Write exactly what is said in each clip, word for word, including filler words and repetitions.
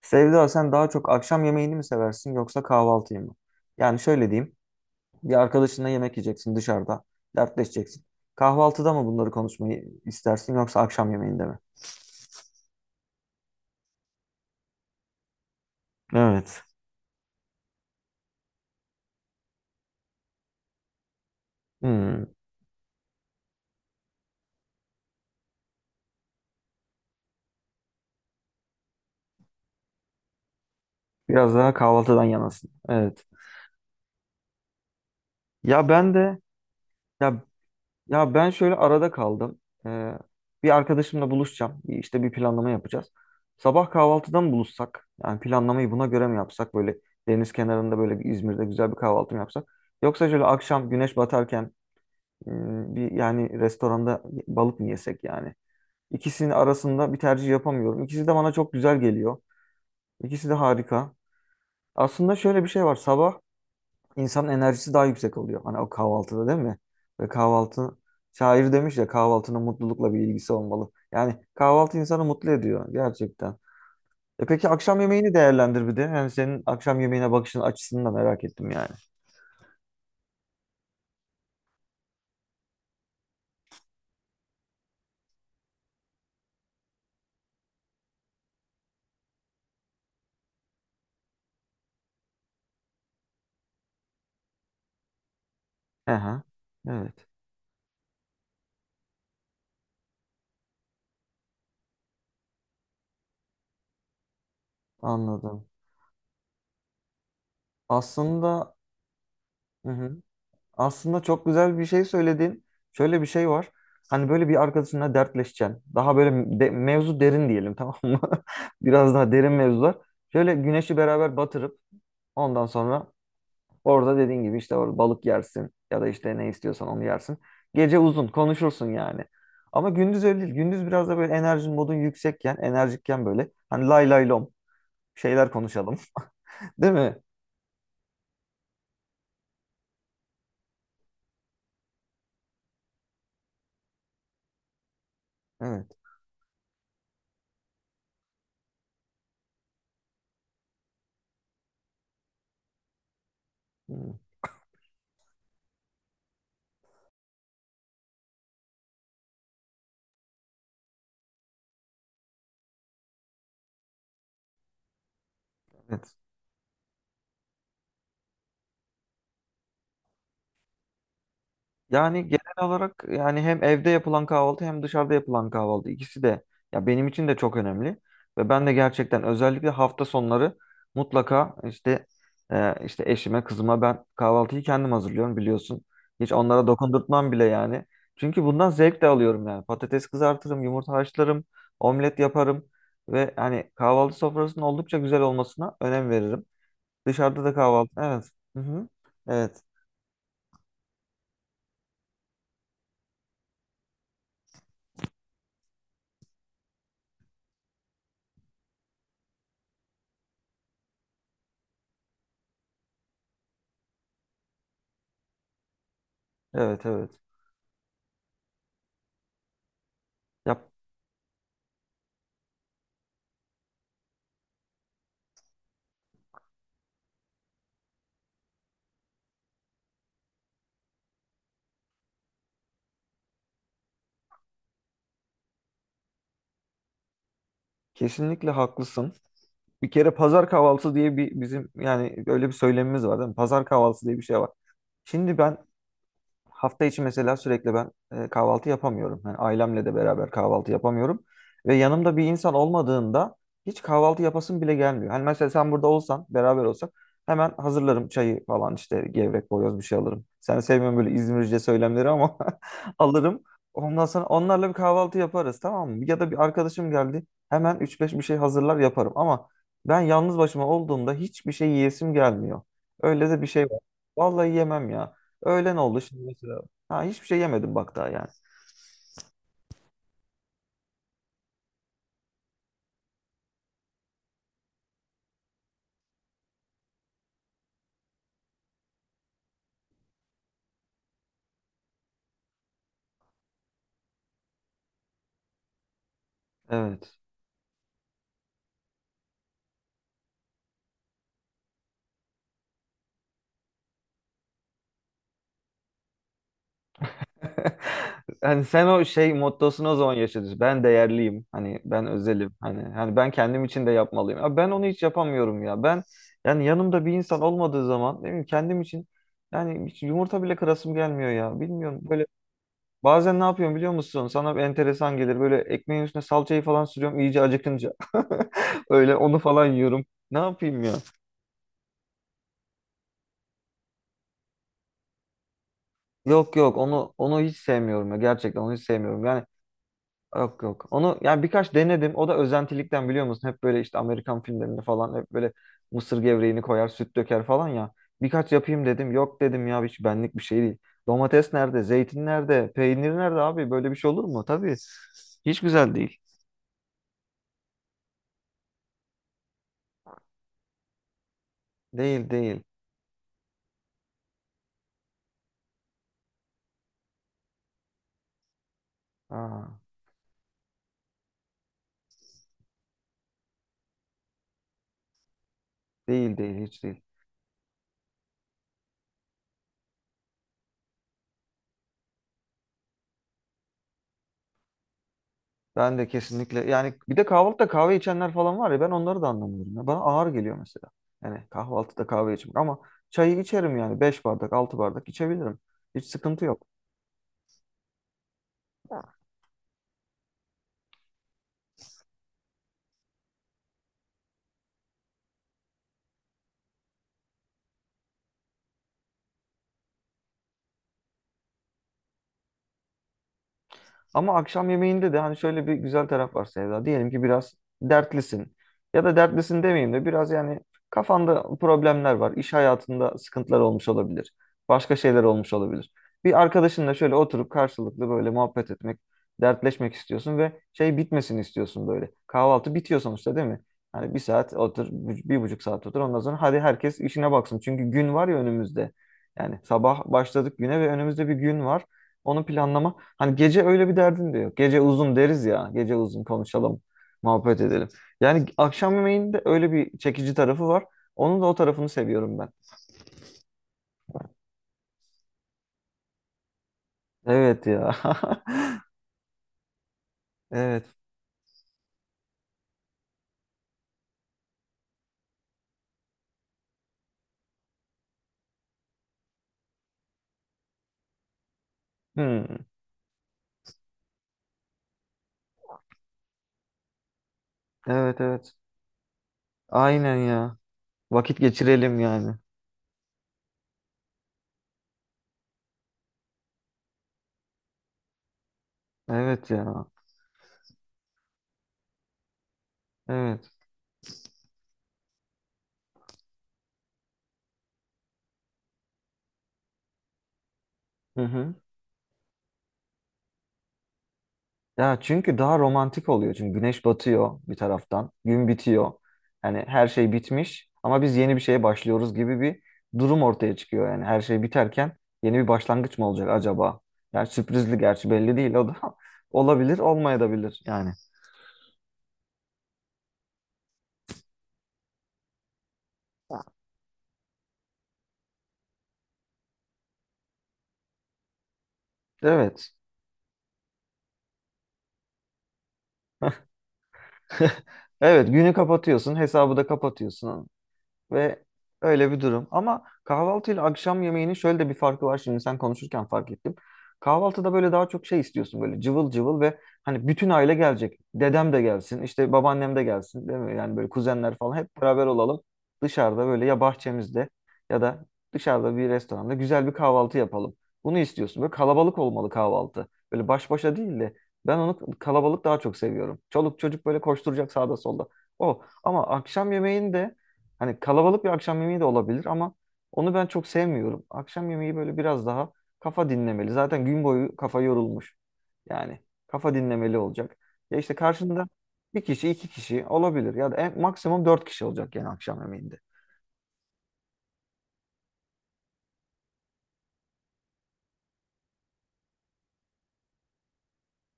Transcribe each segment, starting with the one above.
Sevda sen daha çok akşam yemeğini mi seversin yoksa kahvaltıyı mı? Yani şöyle diyeyim. Bir arkadaşınla yemek yiyeceksin dışarıda. Dertleşeceksin. Kahvaltıda mı bunları konuşmayı istersin yoksa akşam yemeğinde mi? Evet. Hmm, Biraz daha kahvaltıdan yanasın. Evet. Ya ben de ya Ya ben şöyle arada kaldım. Ee, bir arkadaşımla buluşacağım. Bir- İşte bir planlama yapacağız. Sabah kahvaltıdan buluşsak, yani planlamayı buna göre mi yapsak? Böyle deniz kenarında böyle bir İzmir'de güzel bir kahvaltı mı yapsak? Yoksa şöyle akşam güneş batarken ım, bir yani restoranda balık mı yesek yani? İkisinin arasında bir tercih yapamıyorum. İkisi de bana çok güzel geliyor. İkisi de harika. Aslında şöyle bir şey var. Sabah İnsanın enerjisi daha yüksek oluyor. Hani o kahvaltıda değil mi? Ve kahvaltı, şair demiş ya, kahvaltının mutlulukla bir ilgisi olmalı. Yani kahvaltı insanı mutlu ediyor gerçekten. E peki akşam yemeğini değerlendir bir de. Yani senin akşam yemeğine bakışın açısını da merak ettim yani. Hı. Evet, anladım. Aslında. Hı hı. Aslında çok güzel bir şey söyledin. Şöyle bir şey var. Hani böyle bir arkadaşınla dertleşeceksin. Daha böyle de- mevzu derin diyelim, tamam mı? Biraz daha derin mevzular. Şöyle güneşi beraber batırıp ondan sonra orada, dediğin gibi, işte orada balık yersin ya da işte ne istiyorsan onu yersin. Gece uzun konuşursun yani. Ama gündüz öyle değil. Gündüz biraz da böyle enerjin modun yüksekken, enerjikken böyle hani lay lay lom şeyler konuşalım. Değil mi? Evet. Evet. Yani genel olarak yani hem evde yapılan kahvaltı hem dışarıda yapılan kahvaltı ikisi de ya benim için de çok önemli ve ben de gerçekten özellikle hafta sonları mutlaka işte e, işte eşime kızıma ben kahvaltıyı kendim hazırlıyorum biliyorsun. Hiç onlara dokundurtmam bile yani. Çünkü bundan zevk de alıyorum yani. Patates kızartırım, yumurta haşlarım, omlet yaparım ve hani kahvaltı sofrasının oldukça güzel olmasına önem veririm. Dışarıda da kahvaltı. Evet. Hı hı. Evet. Evet, evet. Ya, kesinlikle haklısın. Bir kere pazar kahvaltısı diye bir, bizim yani öyle bir söylemimiz var değil mi? Pazar kahvaltısı diye bir şey var. Şimdi ben hafta içi mesela sürekli ben e, kahvaltı yapamıyorum. Yani ailemle de beraber kahvaltı yapamıyorum. Ve yanımda bir insan olmadığında hiç kahvaltı yapasım bile gelmiyor. Hani mesela sen burada olsan, beraber olsak, hemen hazırlarım çayı falan, işte gevrek, boyoz, bir şey alırım. Sen sevmiyorsun böyle İzmirce söylemleri ama alırım. Ondan sonra onlarla bir kahvaltı yaparız, tamam mı? Ya da bir arkadaşım geldi, hemen üç beş bir şey hazırlar yaparım. Ama ben yalnız başıma olduğumda hiçbir şey yiyesim gelmiyor. Öyle de bir şey var. Vallahi yemem ya. Öğlen oldu şimdi mesela. Ha, hiçbir şey yemedim bak daha yani. Evet. Hani sen o şey mottosunu o zaman yaşadın. Ben değerliyim. Hani ben özelim. Hani hani ben kendim için de yapmalıyım. Abi ben onu hiç yapamıyorum ya. Ben yani yanımda bir insan olmadığı zaman ne bileyim kendim için yani hiç yumurta bile kırasım gelmiyor ya. Bilmiyorum, böyle bazen ne yapıyorum biliyor musun? Sana bir enteresan gelir. Böyle ekmeğin üstüne salçayı falan sürüyorum iyice acıkınca. Öyle onu falan yiyorum. Ne yapayım ya? Yok yok, onu onu hiç sevmiyorum ya, gerçekten onu hiç sevmiyorum yani. Yok yok onu, yani birkaç denedim, o da özentilikten biliyor musun, hep böyle işte Amerikan filmlerinde falan hep böyle mısır gevreğini koyar süt döker falan ya. Birkaç yapayım dedim, yok dedim ya, hiç benlik bir şey değil. Domates nerede, zeytin nerede, peynir nerede, abi böyle bir şey olur mu, tabii hiç güzel değil. Değil değil. Aa, değil değil hiç değil. Ben de kesinlikle yani, bir de kahvaltıda kahve içenler falan var ya, ben onları da anlamıyorum. Ya. Bana ağır geliyor mesela. Yani kahvaltıda kahve içmek, ama çayı içerim yani beş bardak altı bardak içebilirim. Hiç sıkıntı yok. Ama akşam yemeğinde de hani şöyle bir güzel taraf var Sevda. Diyelim ki biraz dertlisin. Ya da dertlisin demeyeyim de biraz yani kafanda problemler var. İş hayatında sıkıntılar olmuş olabilir. Başka şeyler olmuş olabilir. Bir arkadaşınla şöyle oturup karşılıklı böyle muhabbet etmek, dertleşmek istiyorsun ve şey bitmesini istiyorsun böyle. Kahvaltı bitiyor sonuçta değil mi? Hani bir saat otur, bu- bir buçuk saat otur. Ondan sonra hadi herkes işine baksın. Çünkü gün var ya önümüzde. Yani sabah başladık güne ve önümüzde bir gün var. Onu planlama. Hani gece öyle bir derdin de yok. Gece uzun deriz ya. Gece uzun konuşalım, muhabbet edelim. Yani akşam yemeğinde öyle bir çekici tarafı var. Onun da o tarafını seviyorum ben. Evet ya. Evet. Hmm. Evet evet. Aynen ya. Vakit geçirelim yani. Evet ya. Evet. Hı hı. Ya çünkü daha romantik oluyor. Çünkü güneş batıyor bir taraftan, gün bitiyor. Yani her şey bitmiş ama biz yeni bir şeye başlıyoruz gibi bir durum ortaya çıkıyor. Yani her şey biterken yeni bir başlangıç mı olacak acaba? Yani sürprizli, gerçi belli değil o da, olabilir, olmayabilir yani. Evet. Evet, günü kapatıyorsun, hesabı da kapatıyorsun. Ve öyle bir durum. Ama kahvaltı ile akşam yemeğinin şöyle de bir farkı var. Şimdi sen konuşurken fark ettim. Kahvaltıda böyle daha çok şey istiyorsun, böyle cıvıl cıvıl ve hani bütün aile gelecek. Dedem de gelsin, işte babaannem de gelsin değil mi? Yani böyle kuzenler falan hep beraber olalım. Dışarıda, böyle ya bahçemizde ya da dışarıda bir restoranda güzel bir kahvaltı yapalım. Bunu istiyorsun. Böyle kalabalık olmalı kahvaltı. Böyle baş başa değil de, ben onu kalabalık daha çok seviyorum. Çoluk çocuk böyle koşturacak sağda solda. O, ama akşam yemeğinde, hani kalabalık bir akşam yemeği de olabilir ama onu ben çok sevmiyorum. Akşam yemeği böyle biraz daha kafa dinlemeli. Zaten gün boyu kafa yorulmuş. Yani kafa dinlemeli olacak. Ya işte karşında bir kişi, iki kişi olabilir. Ya da en, maksimum dört kişi olacak yani akşam yemeğinde.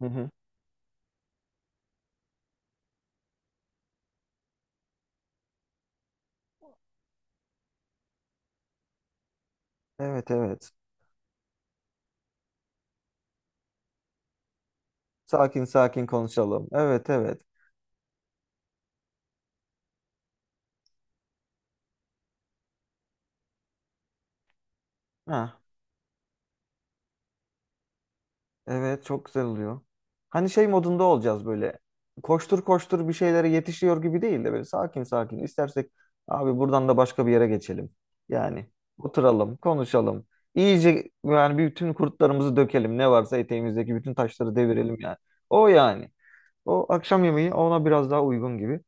Hı hı. Evet evet. Sakin sakin konuşalım. Evet evet. Ha. Evet, çok güzel oluyor. Hani şey modunda olacağız böyle. Koştur koştur bir şeylere yetişiyor gibi değil de böyle sakin sakin. İstersek abi buradan da başka bir yere geçelim. Yani oturalım, konuşalım. İyice yani bütün kurtlarımızı dökelim. Ne varsa eteğimizdeki bütün taşları devirelim yani. O yani. O akşam yemeği ona biraz daha uygun gibi.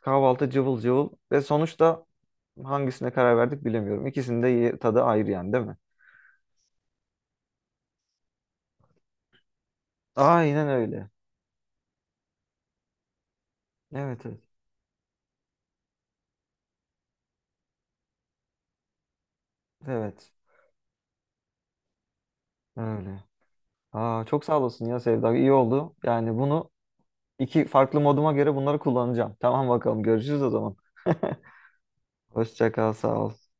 Kahvaltı cıvıl cıvıl ve sonuçta hangisine karar verdik bilemiyorum. İkisinin de ye- tadı ayrı yani değil mi? Aynen öyle. Evet evet. Evet. Öyle. Aa, çok sağ olasın ya Sevda. İyi oldu. Yani bunu iki farklı moduma göre bunları kullanacağım. Tamam bakalım, görüşürüz o zaman. Hoşça kal, sağ ol.